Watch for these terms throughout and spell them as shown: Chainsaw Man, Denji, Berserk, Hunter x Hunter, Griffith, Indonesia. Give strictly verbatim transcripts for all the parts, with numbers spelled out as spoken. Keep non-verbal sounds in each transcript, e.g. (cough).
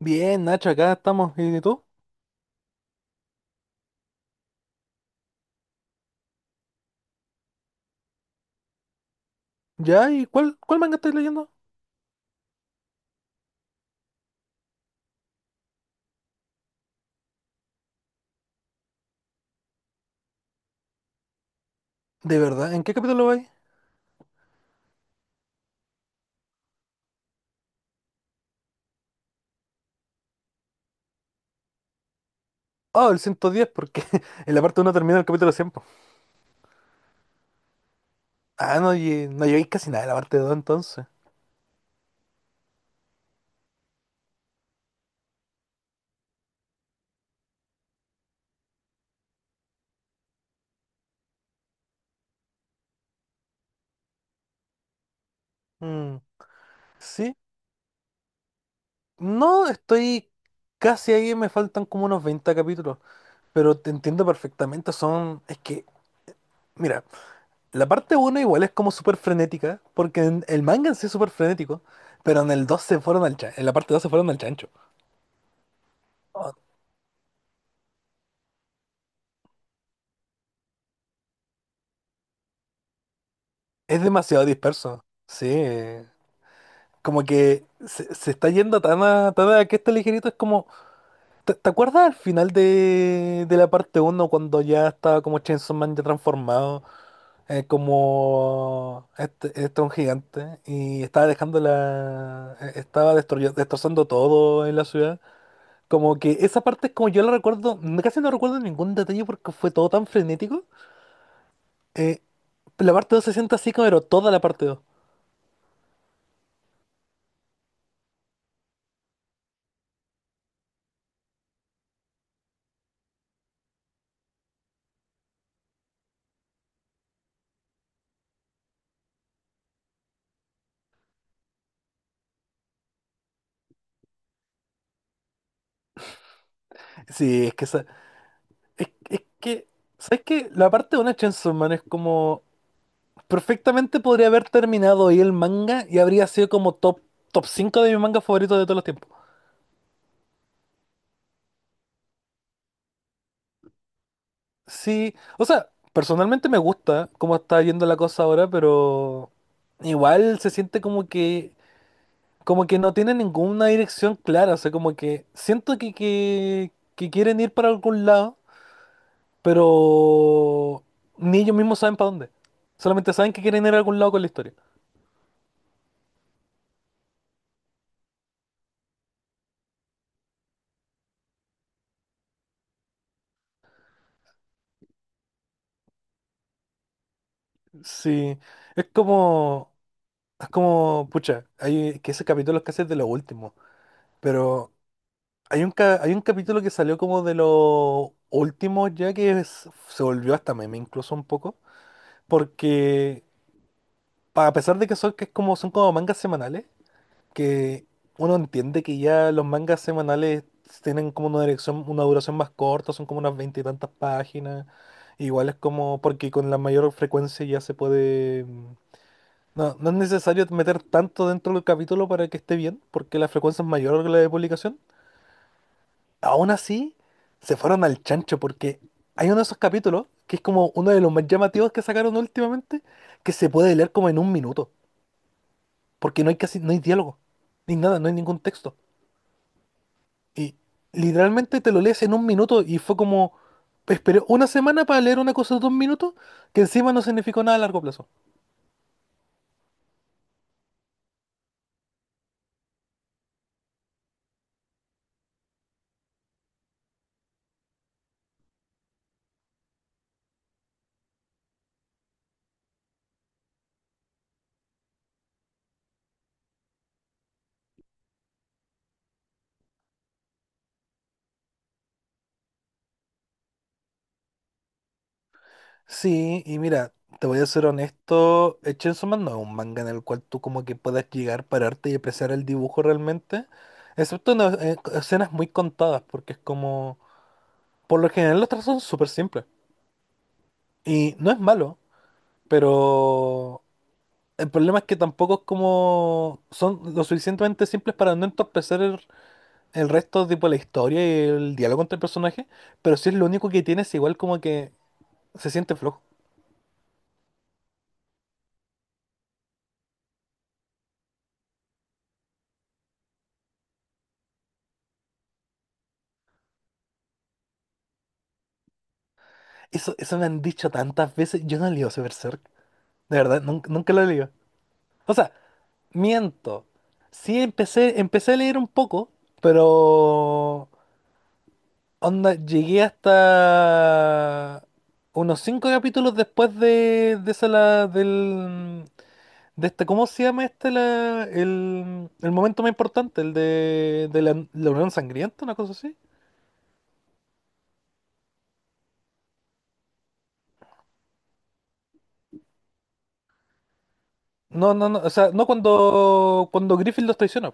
Bien, Nacho, acá estamos. ¿Y tú? ¿Ya? ¿Y cuál, cuál manga estáis leyendo? ¿De verdad? ¿En qué capítulo vais? Ah, el ciento diez porque (laughs) en la parte uno termina el capítulo cien po. Ah, no, lle- no llegáis casi nada de la parte dos entonces. Mm, sí. No, estoy casi ahí, me faltan como unos veinte capítulos. Pero te entiendo perfectamente, son... Es que, mira, la parte uno igual es como súper frenética, porque en- el manga en sí es súper frenético, pero en el dos se fueron al chan- en la parte dos se fueron al chancho. Es demasiado disperso. Sí. Como que se, se está yendo tan a, tan a que este ligerito es como. ¿Te, te acuerdas al final de, de la parte uno cuando ya estaba como Chainsaw Man ya transformado? eh, como este, este un gigante. Y estaba dejando la. Eh, Estaba destruy- destrozando todo en la ciudad. Como que esa parte es como yo la recuerdo. no- Casi no recuerdo ningún detalle porque fue todo tan frenético. Eh, la parte dos se siente así, como, pero toda la parte dos. Sí, es que esa, Es, es que, ¿sabes qué? La parte de una Chainsaw Man es como. Perfectamente podría haber terminado ahí el manga y habría sido como top, top cinco de mis mangas favoritos de todos los tiempos. Sí, o sea, personalmente me gusta cómo está yendo la cosa ahora, pero igual se siente como que, como que no tiene ninguna dirección clara. O sea, como que siento que, que, que quieren ir para algún lado, pero ni ellos mismos saben para dónde. Solamente saben que quieren ir a algún lado con la historia. Sí, es como, es como, pucha, hay que ese capítulo es casi de lo último, pero hay un, ca- hay un capítulo que salió como de los últimos ya que es- se volvió hasta meme incluso un poco, porque pa- a pesar de que son, que es como, son como mangas semanales, que uno entiende que ya los mangas semanales tienen como una dirección, una duración más corta, son como unas veinte y tantas páginas, igual es como, porque con la mayor frecuencia ya se puede. No, no es necesario meter tanto dentro del capítulo para que esté bien, porque la frecuencia es mayor que la de publicación. Aún así, se fueron al chancho, porque hay uno de esos capítulos, que es como uno de los más llamativos que sacaron últimamente, que se puede leer como en un minuto, porque no hay casi, no hay diálogo, ni nada, no hay ningún texto. Y literalmente te lo lees en un minuto y fue como, esperé una semana para leer una cosa de un minuto, que encima no significó nada a largo plazo. Sí, y mira, te voy a ser honesto, eh, Chainsaw Man no es un manga en el cual tú como que puedas llegar, pararte y apreciar el dibujo realmente, excepto en eh, escenas muy contadas, porque es como, por lo general los trazos son súper simples, y no es malo, pero el problema es que tampoco es como, son lo suficientemente simples para no entorpecer el, el resto, tipo la historia y el diálogo entre el personaje, pero sí es lo único que tienes, igual como que se siente flojo. Eso, eso me han dicho tantas veces. Yo no leo Berserk. De verdad, nunca, nunca lo leo. O sea, miento. Sí empecé, empecé a leer un poco, pero onda, llegué hasta unos cinco capítulos después de, de esa la, del de esta, ¿cómo se llama este la, el, el momento más importante? El de, de la, la Unión Sangrienta, una cosa así. No, no, no, o sea, no cuando, cuando Griffith los traiciona.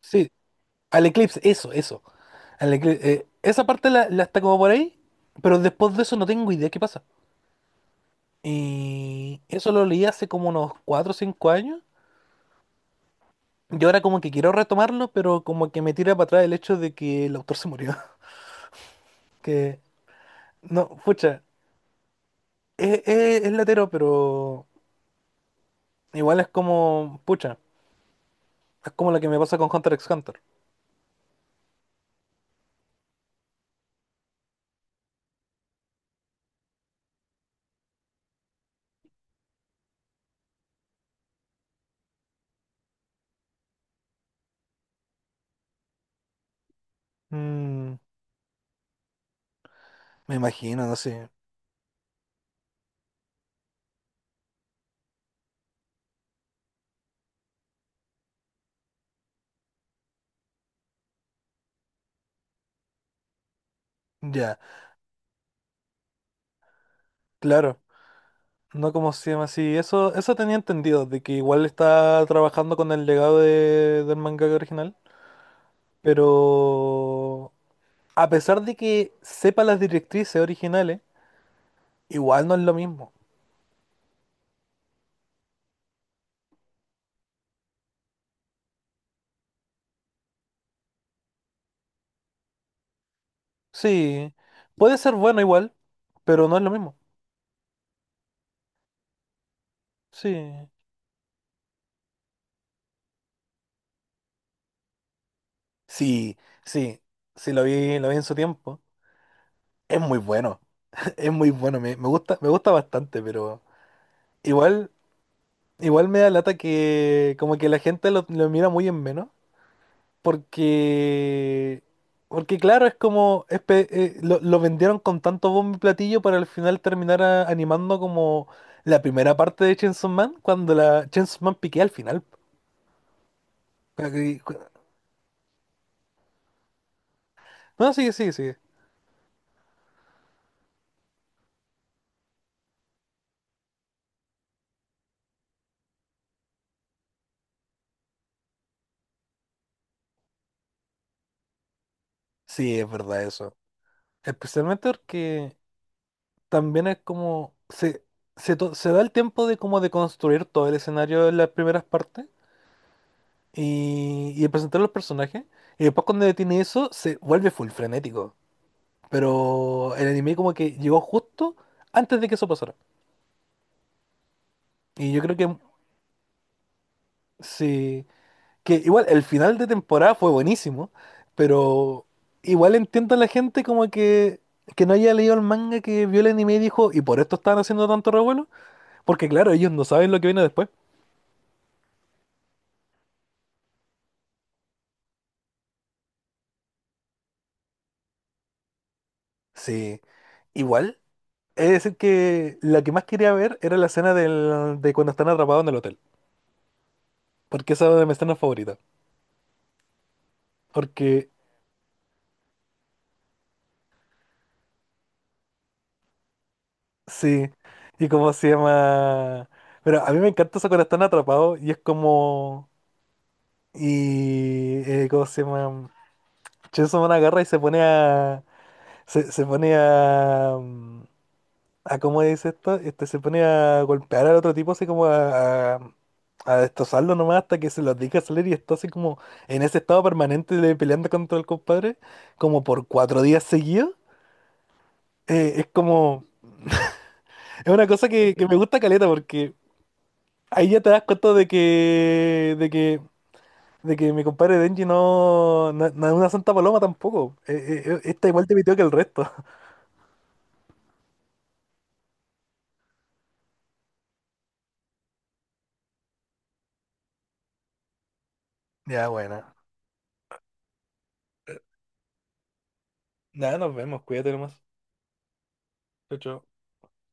Sí, al eclipse, eso, eso. Al ecli- eh, esa parte la, la está como por ahí, pero después de eso no tengo idea qué pasa. Y eso lo leí hace como unos cuatro o cinco años. Y ahora como que quiero retomarlo, pero como que me tira para atrás el hecho de que el autor se murió. (laughs) Que, no, pucha, es, es, es latero, pero igual es como, pucha, es como lo que me pasa con Hunter x Hunter. Mm, Me imagino, no sé. Ya, claro. No como se llama así. Eso, eso tenía entendido, de que igual está trabajando con el legado de- del mangaka original. Pero a pesar de que sepa las directrices originales, igual no es lo mismo. Sí, puede ser bueno igual, pero no es lo mismo. Sí. Sí, sí. Sí, lo vi, lo vi en su tiempo. Es muy bueno. (laughs) Es muy bueno. Me, me gusta, me gusta bastante, pero igual, igual me da lata que como que la gente lo, lo mira muy en menos. Porque, porque claro, es como, es pe- eh, lo, lo vendieron con tanto bombo y platillo para al final terminar a- animando como la primera parte de Chainsaw Man, cuando la Chainsaw Man piquea al final. Y- No, sigue, sigue, sigue. Sí, es verdad eso. Especialmente porque también es como, se, se, to- se da el tiempo de como de construir todo el escenario en las primeras partes y, y de presentar los personajes. Y después cuando detiene eso, se vuelve full frenético. Pero el anime como que llegó justo antes de que eso pasara. Y yo creo que sí, que igual el final de temporada fue buenísimo, pero igual entiendo a la gente como que, que no haya leído el manga, que vio el anime y dijo, ¿y por esto estaban haciendo tanto revuelo? Porque claro, ellos no saben lo que viene después. Sí, igual. Es decir, que la que más quería ver era la escena del, de cuando están atrapados en el hotel. Porque esa es mi escena favorita. Porque Sí, y cómo se llama. Pero a mí me encanta eso cuando están atrapados y es como. Y. Eh, ¿cómo se llama? Chainsaw Man agarra y se pone a. Se, se pone a. mm, a ¿Cómo dice esto? Este, se pone a golpear al otro tipo, así como a. a, a destrozarlo nomás hasta que se los deja salir y está así como en ese estado permanente de peleando contra el compadre, como por cuatro días seguidos. Eh, es como. Es una cosa que, que me gusta caleta porque. Ahí ya te das cuenta de que, de que, de que mi compadre Denji no, no, no es una santa paloma tampoco. Eh, eh, eh, esta igual te pitió que el resto. (laughs) Ya, bueno. Nada, nos vemos, cuídate nomás. Chao, chao.